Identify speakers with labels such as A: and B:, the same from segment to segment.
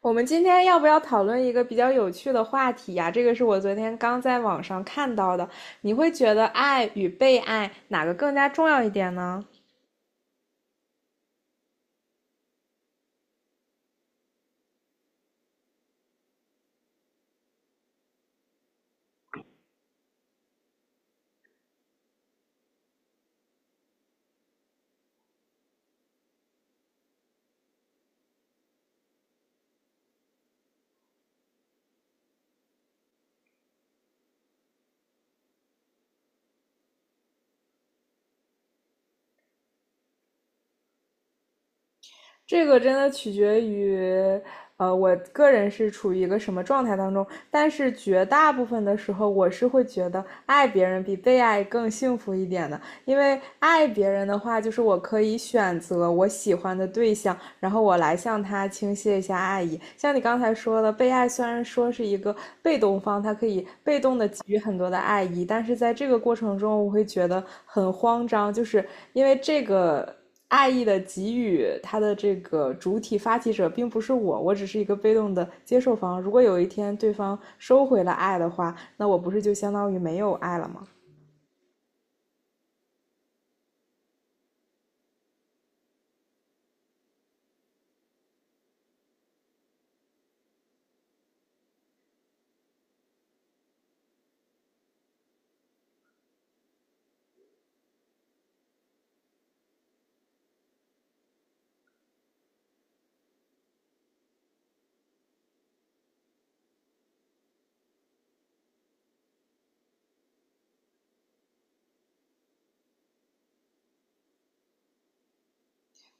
A: 我们今天要不要讨论一个比较有趣的话题呀、这个是我昨天刚在网上看到的。你会觉得爱与被爱哪个更加重要一点呢？这个真的取决于，我个人是处于一个什么状态当中。但是绝大部分的时候，我是会觉得爱别人比被爱更幸福一点的。因为爱别人的话，就是我可以选择我喜欢的对象，然后我来向他倾泻一下爱意。像你刚才说的，被爱虽然说是一个被动方，他可以被动的给予很多的爱意，但是在这个过程中，我会觉得很慌张，就是因为这个。爱意的给予，它的这个主体发起者并不是我，我只是一个被动的接受方。如果有一天对方收回了爱的话，那我不是就相当于没有爱了吗？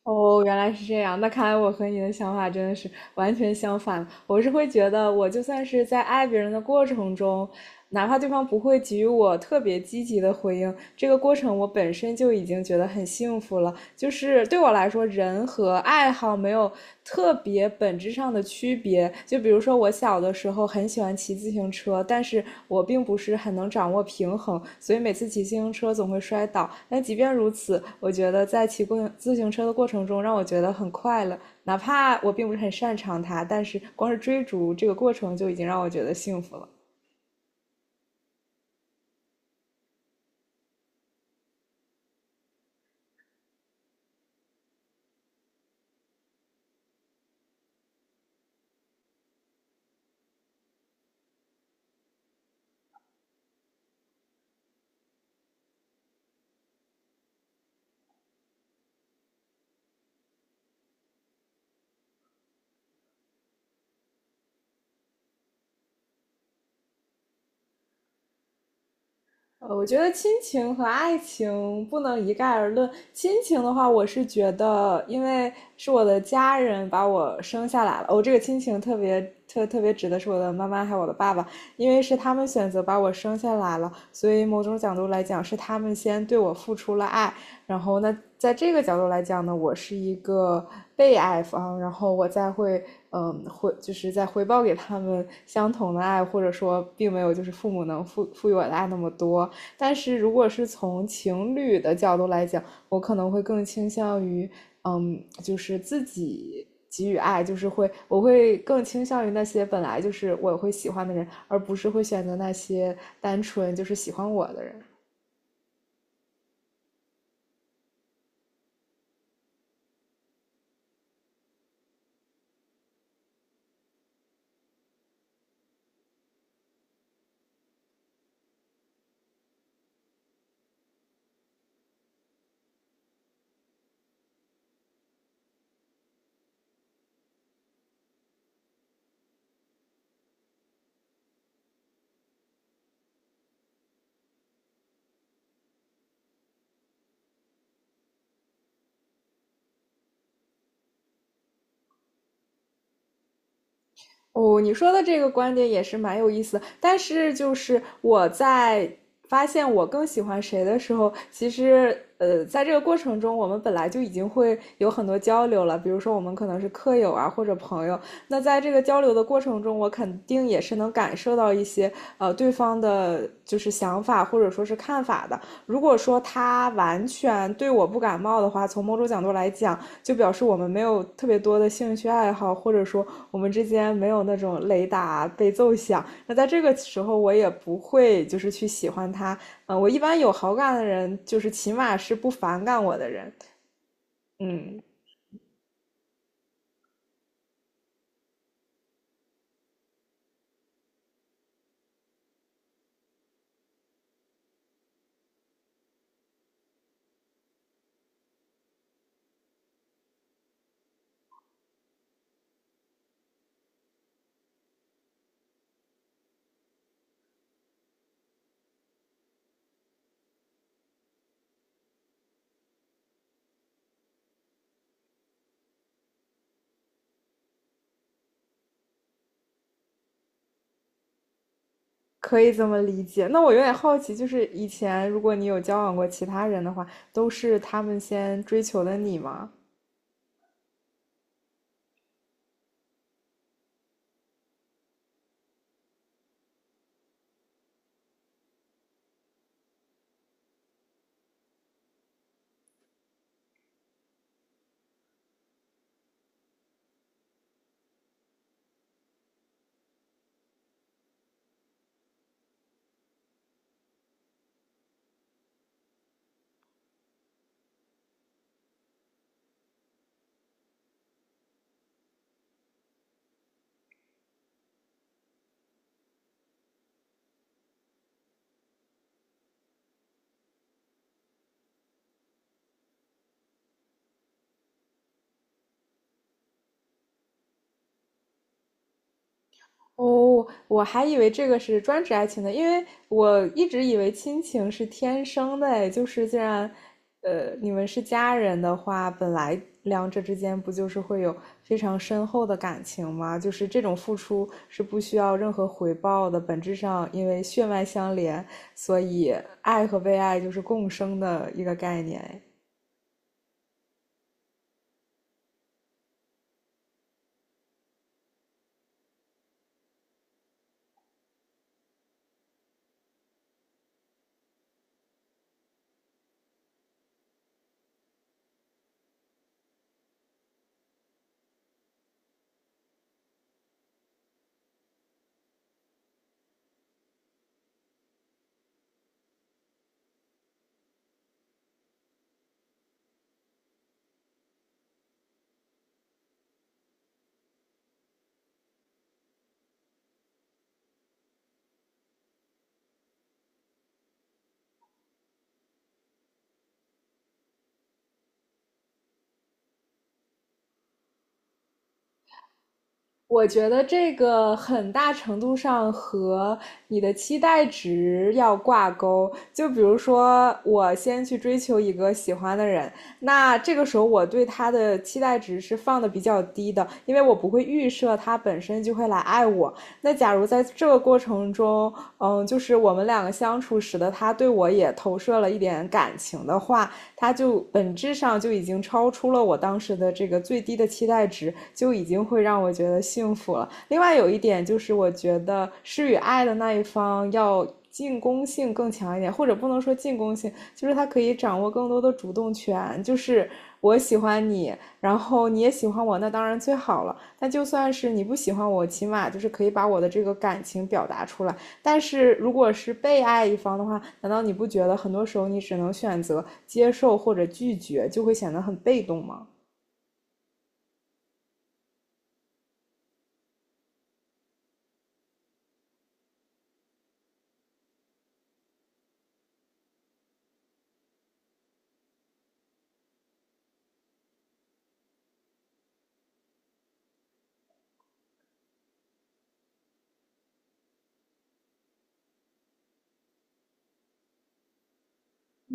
A: 哦，原来是这样。那看来我和你的想法真的是完全相反。我是会觉得，我就算是在爱别人的过程中，哪怕对方不会给予我特别积极的回应，这个过程我本身就已经觉得很幸福了。就是对我来说，人和爱好没有特别本质上的区别。就比如说，我小的时候很喜欢骑自行车，但是我并不是很能掌握平衡，所以每次骑自行车总会摔倒。但即便如此，我觉得在骑过自行车的过程中，让我觉得很快乐。哪怕我并不是很擅长它，但是光是追逐这个过程就已经让我觉得幸福了。我觉得亲情和爱情不能一概而论。亲情的话，我是觉得，因为是我的家人把我生下来了，我、这个亲情特别特别指的是我的妈妈还有我的爸爸，因为是他们选择把我生下来了，所以某种角度来讲，是他们先对我付出了爱。然后呢，在这个角度来讲呢，我是一个被爱方，然后我再会，嗯，回就是再回报给他们相同的爱，或者说并没有就是父母能赋予我的爱那么多。但是如果是从情侣的角度来讲，我可能会更倾向于，嗯，就是自己给予爱，就是会，我会更倾向于那些本来就是我会喜欢的人，而不是会选择那些单纯就是喜欢我的人。哦，你说的这个观点也是蛮有意思的但是就是我在发现我更喜欢谁的时候，其实在这个过程中，我们本来就已经会有很多交流了，比如说我们可能是客友啊或者朋友，那在这个交流的过程中，我肯定也是能感受到一些对方的就是想法或者说是看法的。如果说他完全对我不感冒的话，从某种角度来讲，就表示我们没有特别多的兴趣爱好，或者说我们之间没有那种雷打被奏响。那在这个时候，我也不会就是去喜欢他。我一般有好感的人，就是起码是不反感我的人。嗯，可以这么理解。那我有点好奇，就是以前如果你有交往过其他人的话，都是他们先追求的你吗？哦，我还以为这个是专指爱情的，因为我一直以为亲情是天生的，哎，就是既然，你们是家人的话，本来两者之间不就是会有非常深厚的感情吗？就是这种付出是不需要任何回报的，本质上因为血脉相连，所以爱和被爱就是共生的一个概念，哎我觉得这个很大程度上和你的期待值要挂钩。就比如说，我先去追求一个喜欢的人，那这个时候我对他的期待值是放的比较低的，因为我不会预设他本身就会来爱我。那假如在这个过程中，嗯，就是我们两个相处，使得他对我也投射了一点感情的话，它就本质上就已经超出了我当时的这个最低的期待值，就已经会让我觉得幸福了。另外有一点就是，我觉得施与爱的那一方要。进攻性更强一点，或者不能说进攻性，就是他可以掌握更多的主动权。就是我喜欢你，然后你也喜欢我，那当然最好了。那就算是你不喜欢我，起码就是可以把我的这个感情表达出来。但是如果是被爱一方的话，难道你不觉得很多时候你只能选择接受或者拒绝，就会显得很被动吗？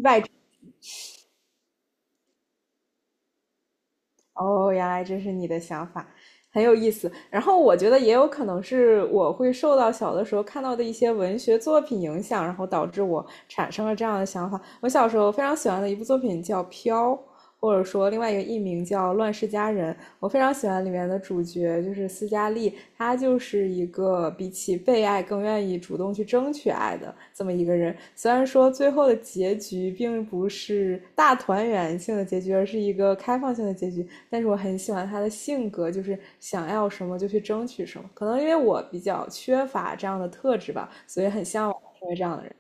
A: 外，哦，原来这是你的想法，很有意思。然后我觉得也有可能是我会受到小的时候看到的一些文学作品影响，然后导致我产生了这样的想法。我小时候非常喜欢的一部作品叫《飘》。或者说另外一个艺名叫《乱世佳人》，我非常喜欢里面的主角，就是斯嘉丽，她就是一个比起被爱更愿意主动去争取爱的这么一个人。虽然说最后的结局并不是大团圆性的结局，而是一个开放性的结局，但是我很喜欢她的性格，就是想要什么就去争取什么。可能因为我比较缺乏这样的特质吧，所以很向往成为这样的人。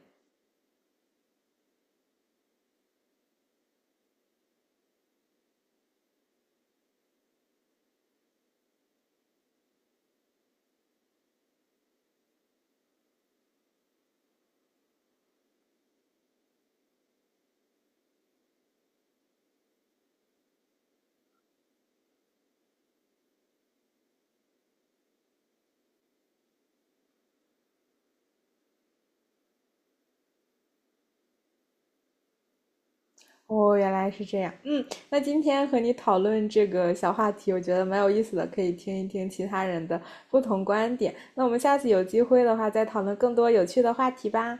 A: 哦，原来是这样。嗯，那今天和你讨论这个小话题，我觉得蛮有意思的，可以听一听其他人的不同观点。那我们下次有机会的话，再讨论更多有趣的话题吧。